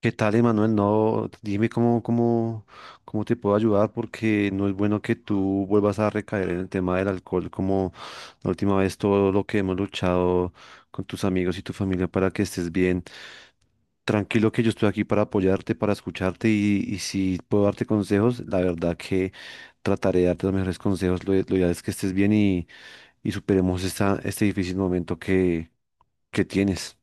¿Qué tal, Emanuel? No, dime cómo te puedo ayudar porque no es bueno que tú vuelvas a recaer en el tema del alcohol como la última vez todo lo que hemos luchado con tus amigos y tu familia para que estés bien. Tranquilo que yo estoy aquí para apoyarte, para escucharte y si puedo darte consejos, la verdad que trataré de darte los mejores consejos. Lo ideal es que estés bien y superemos esta, este difícil momento que tienes.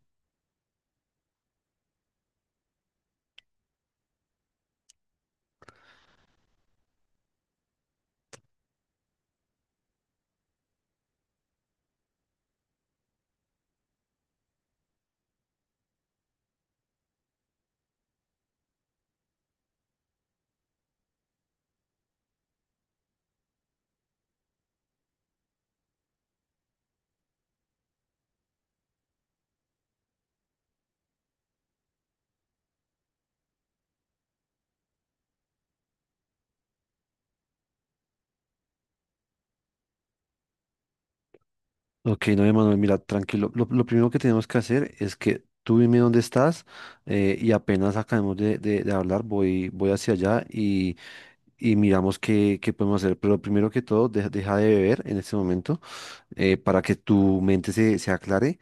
Ok, no, Emanuel, mira, tranquilo. Lo primero que tenemos que hacer es que tú dime dónde estás y apenas acabemos de hablar, voy hacia allá y miramos qué podemos hacer. Pero primero que todo, deja de beber en este momento para que tu mente se aclare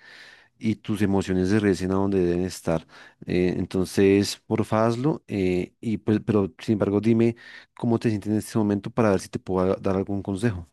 y tus emociones se regresen a donde deben estar. Entonces, porfa, hazlo y pues, pero sin embargo, dime cómo te sientes en este momento para ver si te puedo dar algún consejo.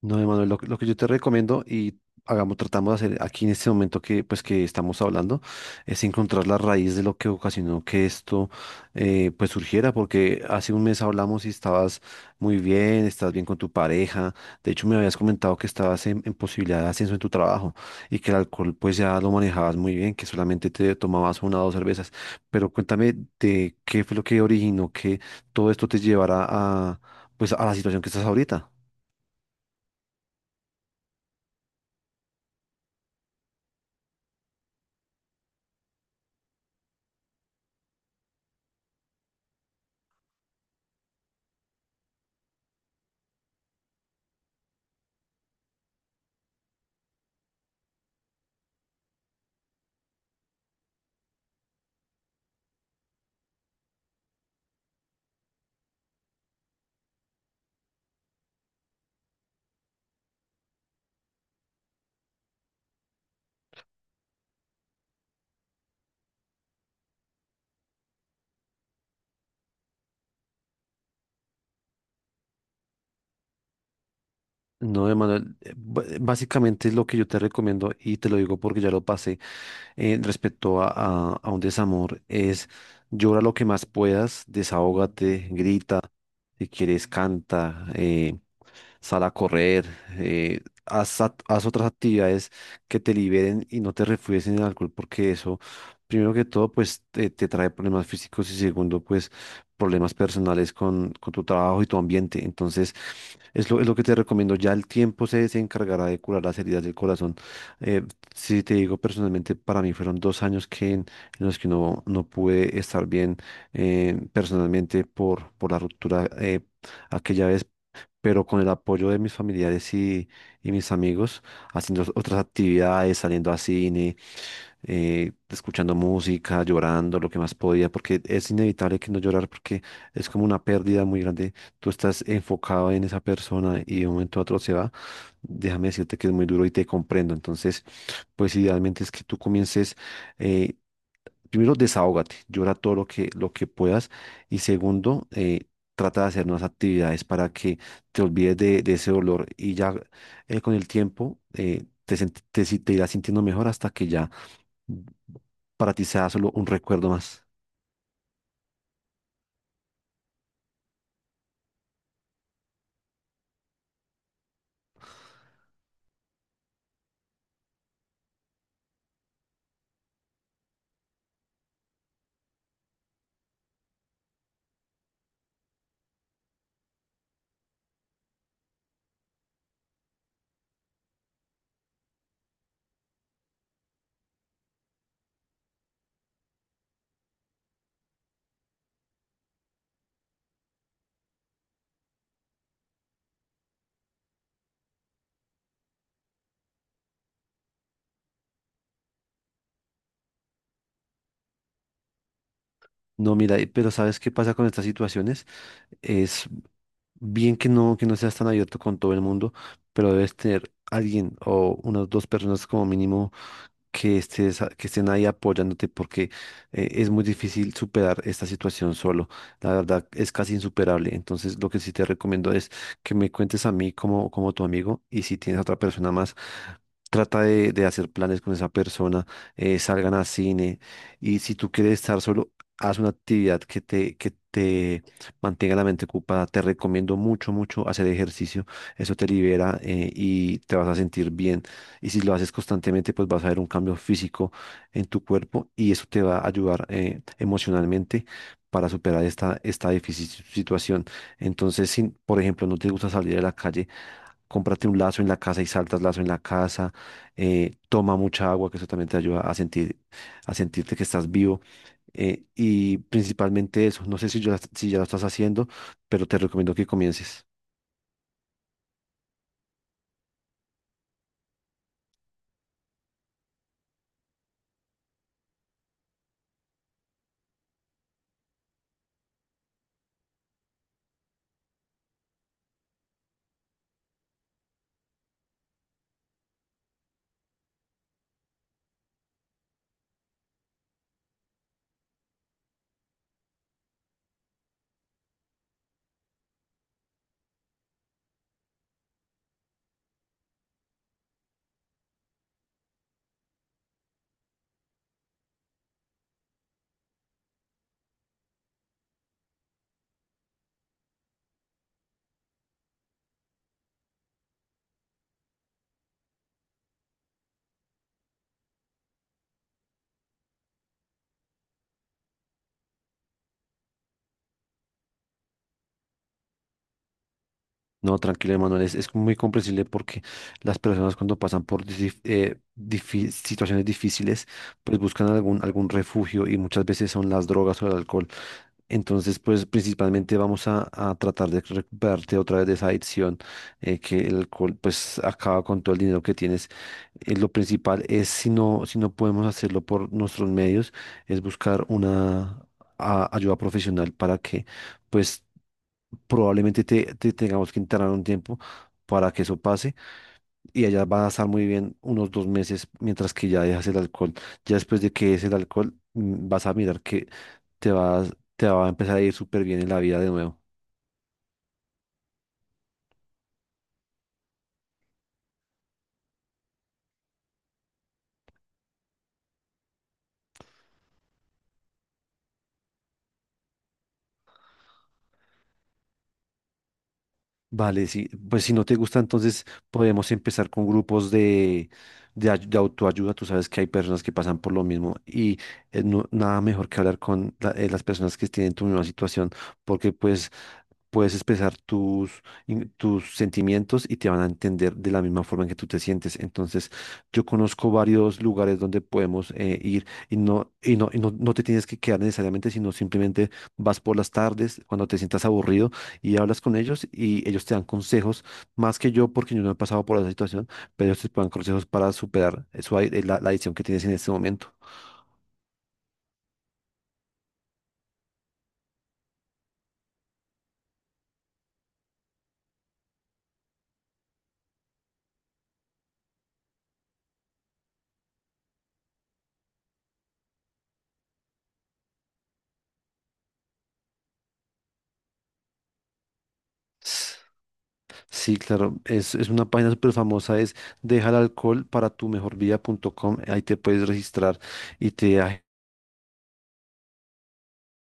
No, Emanuel, lo que yo te recomiendo y hagamos, tratamos de hacer aquí en este momento que, pues, que estamos hablando, es encontrar la raíz de lo que ocasionó que esto, pues, surgiera, porque hace un mes hablamos y estabas muy bien, estás bien con tu pareja, de hecho me habías comentado que estabas en posibilidad de ascenso en tu trabajo y que el alcohol, pues, ya lo manejabas muy bien, que solamente te tomabas una o dos cervezas, pero cuéntame de qué fue lo que originó que todo esto te llevara a, pues, a la situación que estás ahorita. No, Emanuel, básicamente es lo que yo te recomiendo y te lo digo porque ya lo pasé respecto a, a un desamor, es llora lo que más puedas, desahógate, grita, si quieres canta, sal a correr, eh, haz otras actividades que te liberen y no te refugies en el alcohol, porque eso, primero que todo, pues te trae problemas físicos y segundo, pues problemas personales con tu trabajo y tu ambiente. Entonces, es lo que te recomiendo. Ya el tiempo se encargará de curar las heridas del corazón. Eh, si te digo personalmente, para mí fueron dos años que, en los que no, no pude estar bien personalmente por la ruptura aquella vez pero con el apoyo de mis familiares y mis amigos, haciendo otras actividades, saliendo a cine escuchando música, llorando lo que más podía, porque es inevitable que no llorar porque es como una pérdida muy grande. Tú estás enfocado en esa persona y de un momento a otro se va. Déjame decirte que es muy duro y te comprendo. Entonces, pues idealmente es que tú comiences... eh, primero desahógate, llora todo lo que puedas y segundo, trata de hacer nuevas actividades para que te olvides de ese dolor y ya con el tiempo te, sent- te, si- te irás sintiendo mejor hasta que ya para ti sea solo un recuerdo más. No, mira, pero ¿sabes qué pasa con estas situaciones? Es bien que no seas tan abierto con todo el mundo, pero debes tener alguien o unas dos personas como mínimo que estés, que estén ahí apoyándote porque es muy difícil superar esta situación solo. La verdad es casi insuperable. Entonces, lo que sí te recomiendo es que me cuentes a mí como, como tu amigo y si tienes a otra persona más, trata de hacer planes con esa persona, salgan a cine y si tú quieres estar solo haz una actividad que te mantenga la mente ocupada. Te recomiendo mucho, mucho hacer ejercicio. Eso te libera y te vas a sentir bien. Y si lo haces constantemente, pues vas a ver un cambio físico en tu cuerpo y eso te va a ayudar emocionalmente para superar esta, esta difícil situación. Entonces, si, por ejemplo, no te gusta salir a la calle, cómprate un lazo en la casa y saltas lazo en la casa, toma mucha agua, que eso también te ayuda a sentir, a sentirte que estás vivo y principalmente eso. No sé si ya, si ya lo estás haciendo, pero te recomiendo que comiences. No, tranquilo, Manuel es muy comprensible porque las personas cuando pasan por situaciones difíciles, pues buscan algún, algún refugio y muchas veces son las drogas o el alcohol. Entonces, pues principalmente vamos a tratar de recuperarte otra vez de esa adicción, que el alcohol pues acaba con todo el dinero que tienes. Lo principal es, si no, si no podemos hacerlo por nuestros medios, es buscar una ayuda profesional para que pues probablemente te tengamos que internar un tiempo para que eso pase y allá van a estar muy bien unos dos meses mientras que ya dejas el alcohol. Ya después de que es el alcohol, vas a mirar que te va a empezar a ir súper bien en la vida de nuevo. Vale, sí, pues si no te gusta, entonces podemos empezar con grupos de autoayuda. Tú sabes que hay personas que pasan por lo mismo y nada mejor que hablar con las personas que tienen tu misma situación, porque pues puedes expresar tus sentimientos y te van a entender de la misma forma en que tú te sientes. Entonces, yo conozco varios lugares donde podemos ir no te tienes que quedar necesariamente, sino simplemente vas por las tardes cuando te sientas aburrido y hablas con ellos y ellos te dan consejos, más que yo, porque yo no he pasado por esa situación, pero ellos te dan consejos para superar eso, ahí, la adicción que tienes en este momento. S- Sí, claro, es una página súper famosa, es deja el alcohol para tu mejor vida vida.com, ahí te puedes registrar y te...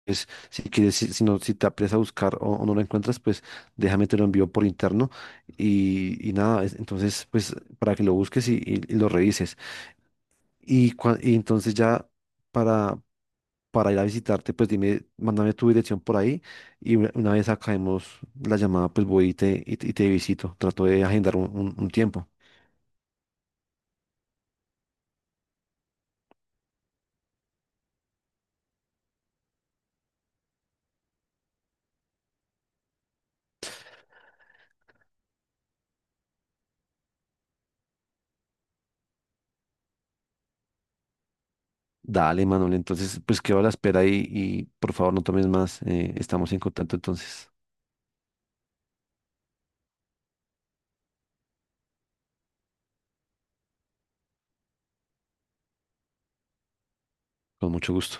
pues, si quieres, si no, si te apres a buscar o no lo encuentras, pues déjame te lo envío por interno y nada, es- entonces pues para que lo busques y lo revises. Y entonces ya para ir a visitarte, pues dime, mándame tu dirección por ahí y una vez acabemos la llamada, pues voy y te visito. Trato de agendar un tiempo. Dale, Manuel, entonces pues quedo a la espera y por favor no tomes más. Estamos en contacto entonces, con mucho gusto.